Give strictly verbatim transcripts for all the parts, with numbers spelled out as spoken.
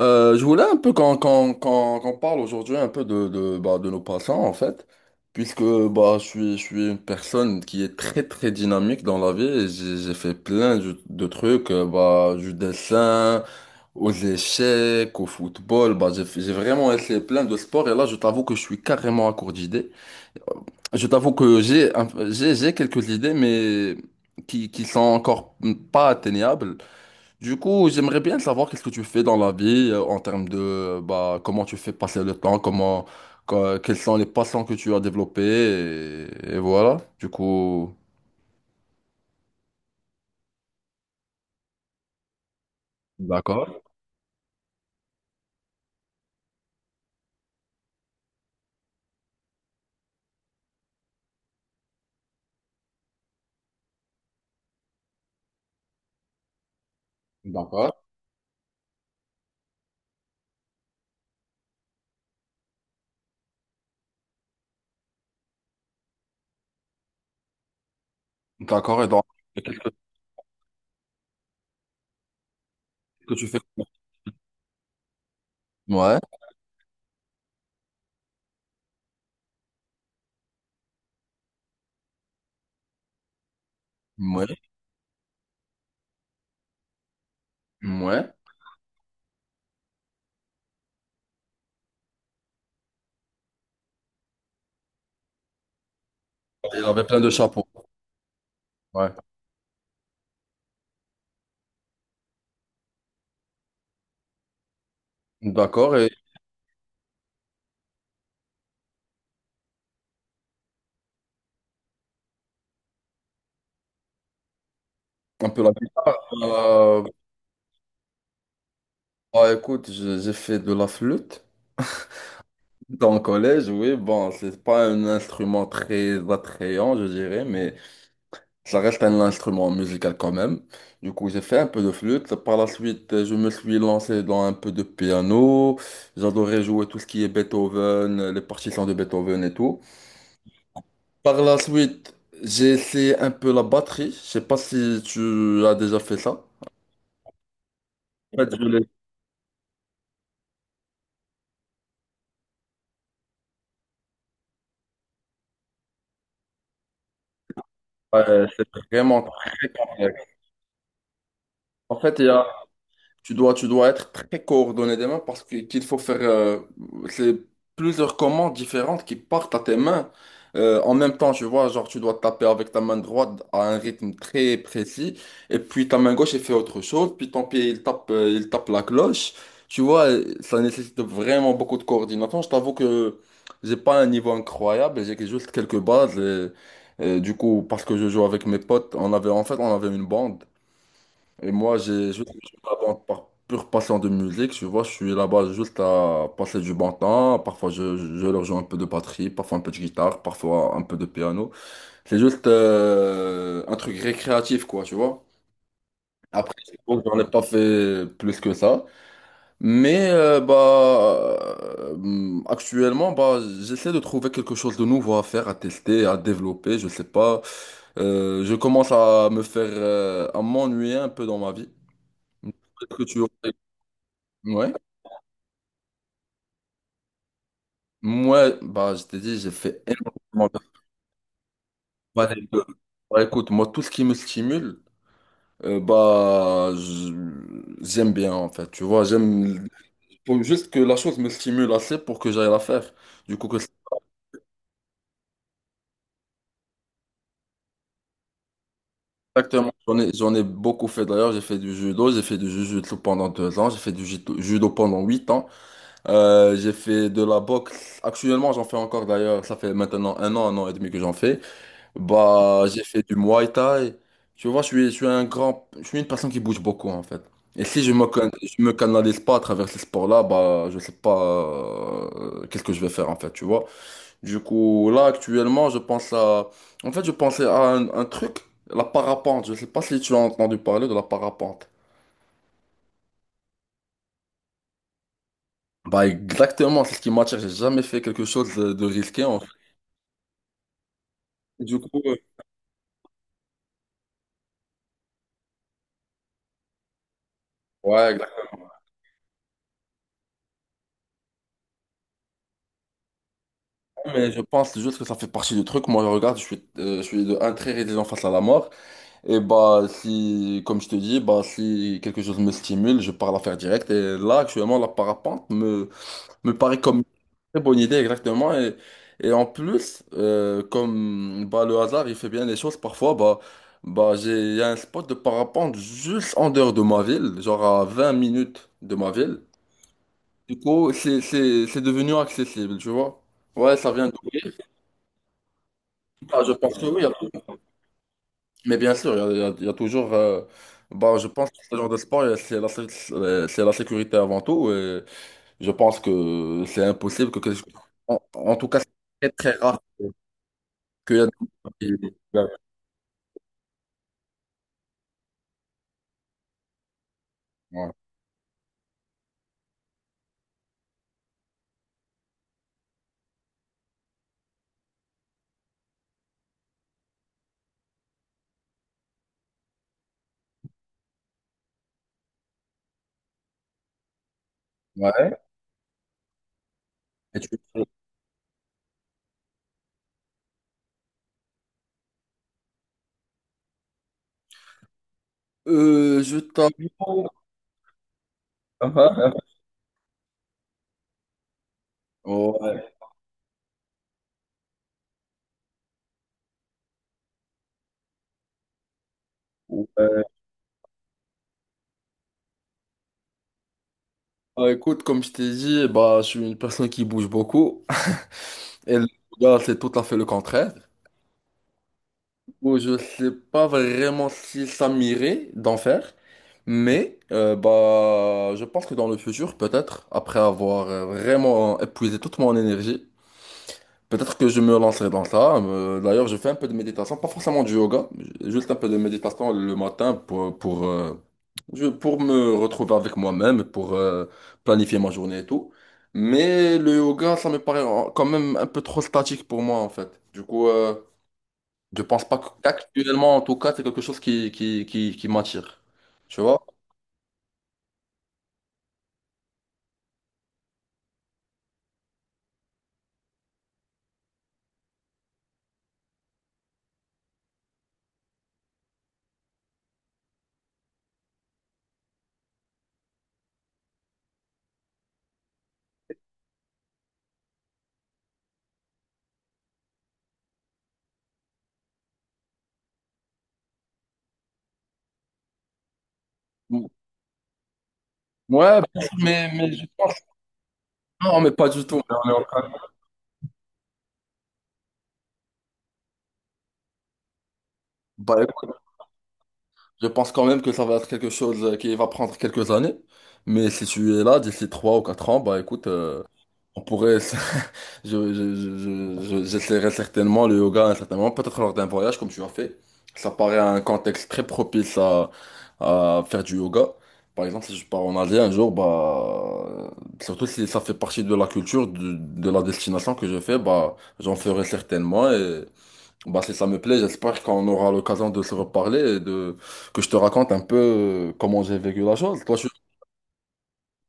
Euh, je voulais un peu qu'on qu'on- qu'on- qu'on parle aujourd'hui un peu de, de, bah, de nos passants en fait, puisque bah, je suis, je suis une personne qui est très très dynamique dans la vie et j'ai j'ai fait plein de, de trucs, euh, bah, du dessin, aux échecs, au football, bah, j'ai fait- j'ai vraiment essayé plein de sports et là je t'avoue que je suis carrément à court d'idées. Je t'avoue que j'ai un- j'ai j'ai quelques idées mais qui, qui sont encore pas atteignables. Du coup, j'aimerais bien savoir qu'est-ce que tu fais dans la vie euh, en termes de euh, bah, comment tu fais passer le temps, comment, que- quelles sont les passions que tu as développées, et, et voilà. Du coup. D'accord, d'accord. D'accord, et donc, et qu'est-ce que, que tu fais? Ouais, ouais, ouais. Il avait plein de chapeaux. Ouais. D'accord, et un peu la guitare. euh, bah, Écoute, j'ai j'ai fait de la flûte dans le collège, oui, bon, c'est pas un instrument très attrayant, je dirais, mais. Ça reste un instrument musical quand même. Du coup, j'ai fait un peu de flûte. Par la suite, euh, je me suis lancé dans un peu de piano. J'adorais jouer tout ce qui est Beethoven, euh, les partitions de Beethoven et tout. Par la suite, j'ai essayé un peu la batterie. Je sais pas si tu as déjà fait ça. En fait, je l'ai- Ouais, c'est vraiment très... En fait, il y a Tu dois, tu dois être très coordonné des mains parce que- qu'il faut faire euh, c'est plusieurs commandes différentes qui partent à tes mains euh, en même temps, tu vois, genre tu dois taper avec ta main droite à un rythme très précis et puis ta main gauche elle fait autre chose, puis ton pied il tape, euh, il tape la cloche. Tu vois, euh, ça nécessite vraiment beaucoup de coordination. Je t'avoue que j'ai pas un niveau incroyable, j'ai que- juste quelques bases et, et du coup parce que je joue avec mes potes, on avait en fait on avait une bande. Et moi, j'ai juste je là-bas par pure passion de musique, tu vois, je suis là-bas juste à passer du bon temps. Parfois, je, je leur joue un peu de batterie, parfois un peu de guitare, parfois un peu de piano. C'est juste euh, un truc récréatif, quoi, tu vois. Après, c'est bon, j'en ai pas fait plus que ça. Mais euh, bah, euh, Actuellement, bah, j'essaie de trouver quelque chose de nouveau à faire, à tester, à développer, je sais pas. Euh, je commence à me faire, euh, à m'ennuyer un peu dans ma vie. Peut-être que tu aurais- Ouais. Moi, bah, je t'ai dit, j'ai fait énormément de... Bah, écoute, bah, écoute, moi, tout ce qui me stimule, euh, bah, je- j'aime bien, en fait. Tu vois, j'aime... faut juste que la chose me stimule assez pour que j'aille la faire. Du coup, que c'est exactement... J'en ai, j'en ai beaucoup fait, d'ailleurs. J'ai fait du judo, j'ai fait du jujutsu pendant deux ans, j'ai fait du jito- judo pendant huit ans. Euh, j'ai fait de la boxe. Actuellement, j'en fais encore, d'ailleurs. Ça fait maintenant un an, un an et demi que j'en fais. Bah, j'ai fait du Muay Thai. Tu vois, je suis, je suis un grand, je suis une personne qui bouge beaucoup en fait. Et si je me, can- je me canalise pas à travers ces sports-là, bah, je sais pas euh, qu'est-ce que je vais faire en fait, tu vois. Du coup, là actuellement, je pense à, en fait, je pensais à un, un truc, la parapente. Je sais pas si tu as entendu parler de la parapente. Bah, exactement, c'est ce qui m'attire. J'ai jamais fait quelque chose de, de risqué en fait. Du coup, euh, ouais, exactement. Mais je pense juste que ça fait partie du truc. Moi, je regarde, je suis, euh, je suis de un très résilient face à la mort. Et bah si, comme je te dis, bah si quelque chose me stimule, je pars la faire direct. Et là, actuellement, la parapente me, me paraît comme une très bonne idée, exactement. Et, et en plus, euh, comme bah, le hasard, il fait bien les choses parfois, bah, bah j'ai, il y a un spot de parapente juste en dehors de ma ville, genre à vingt minutes de ma ville. Du coup, c'est, c'est, c'est devenu accessible, tu vois. Ouais, ça vient de là, je pense que oui. Mais bien sûr, il y a, il y a- il y a toujours. Euh, bah, je pense que ce genre de sport, euh, c'est la, sé- euh, c'est la sécurité avant tout. Et je pense que c'est impossible que. que- en, en tout cas, c'est très, très rare qu'il y a des gens qui- Ouais. Ouais. Et tu- Euh, je t'avoue. Ah, ah. Ouais. Ouais. Bah, écoute, comme je t'ai dit, bah, je suis une personne qui bouge beaucoup. Et le yoga, c'est tout à fait le contraire. Bon, je sais pas vraiment si ça m'irait d'en faire, mais euh, bah, je pense que dans le futur, peut-être, après avoir euh, vraiment épuisé toute mon énergie, peut-être que je me lancerai dans ça. Euh, d'ailleurs, je fais un peu de méditation, pas forcément du yoga, juste un peu de méditation le matin pour, pour, euh, je- pour me retrouver avec moi-même, pour euh, planifier ma journée et tout. Mais le yoga, ça me paraît en- quand même un peu trop statique pour moi, en fait. Du coup... euh, je pense pas que- qu'actuellement, en tout cas, c'est quelque chose qui, qui, qui, qui m'attire. Tu vois? Ouais, bien sûr, mais, mais je pense, non, mais pas du tout. Mais on est en train- Bah, écoute, je pense quand même que ça va être quelque chose euh, qui va prendre quelques années. Mais si tu es là d'ici trois ou quatre ans, bah écoute, euh, on pourrait. je, je, je, je- je- j'essaierai certainement le yoga à un certain moment, peut-être lors d'un voyage comme tu as fait. Ça paraît un contexte très propice à, à faire du yoga. Par exemple, si je pars en Asie un jour, bah, surtout si ça fait partie de la culture, de, de la destination que je fais, bah, j'en ferai certainement bah, si ça me plaît, j'espère qu'on aura l'occasion de se reparler et de que je te raconte un peu euh, comment j'ai vécu la chose. Toi, je suis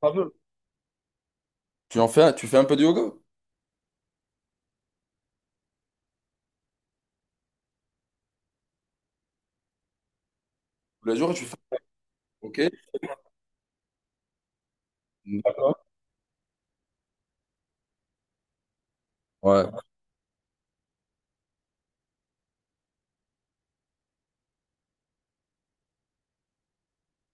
Fameux. Tu en fais, tu fais un peu de yoga tous les jours, tu fais. Ok. D'accord. Ouais.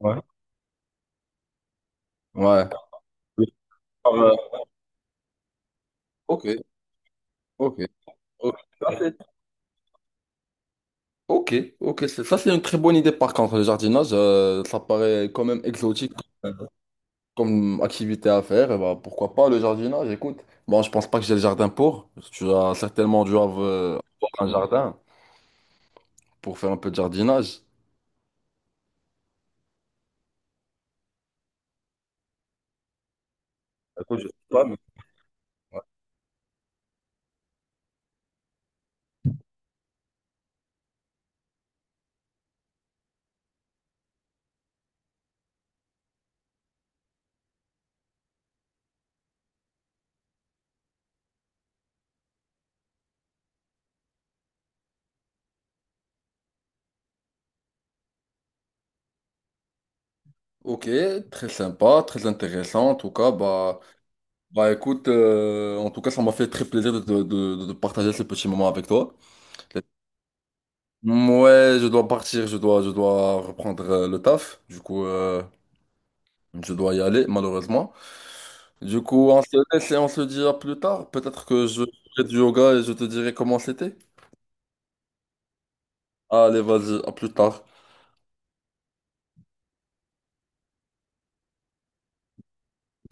Ouais. Ouais. Euh, Ok. Ok. Ok. Ça, c'est- Ok. Ok. C'est- Ça, c'est une très bonne idée. Par contre, le jardinage, euh, ça paraît quand même exotique comme activité à faire. Et bah, pourquoi pas le jardinage? Écoute, bon, je pense pas que j'ai le jardin pour. Tu as certainement dû avoir euh, avoir un jardin pour faire un peu de jardinage. Écoute, je sais pas, mais- Ok, très sympa, très intéressant. En tout cas, bah, bah écoute, euh, en tout cas, ça m'a fait très plaisir de, de, de- de partager ce petit moment avec toi. Ouais, je dois partir, je dois, je dois reprendre euh, le taf. Du coup, euh, je dois y aller, malheureusement. Du coup, on se laisse et on se dit à plus tard. Peut-être que je ferai du yoga et je te dirai comment c'était. Allez, vas-y, à plus tard.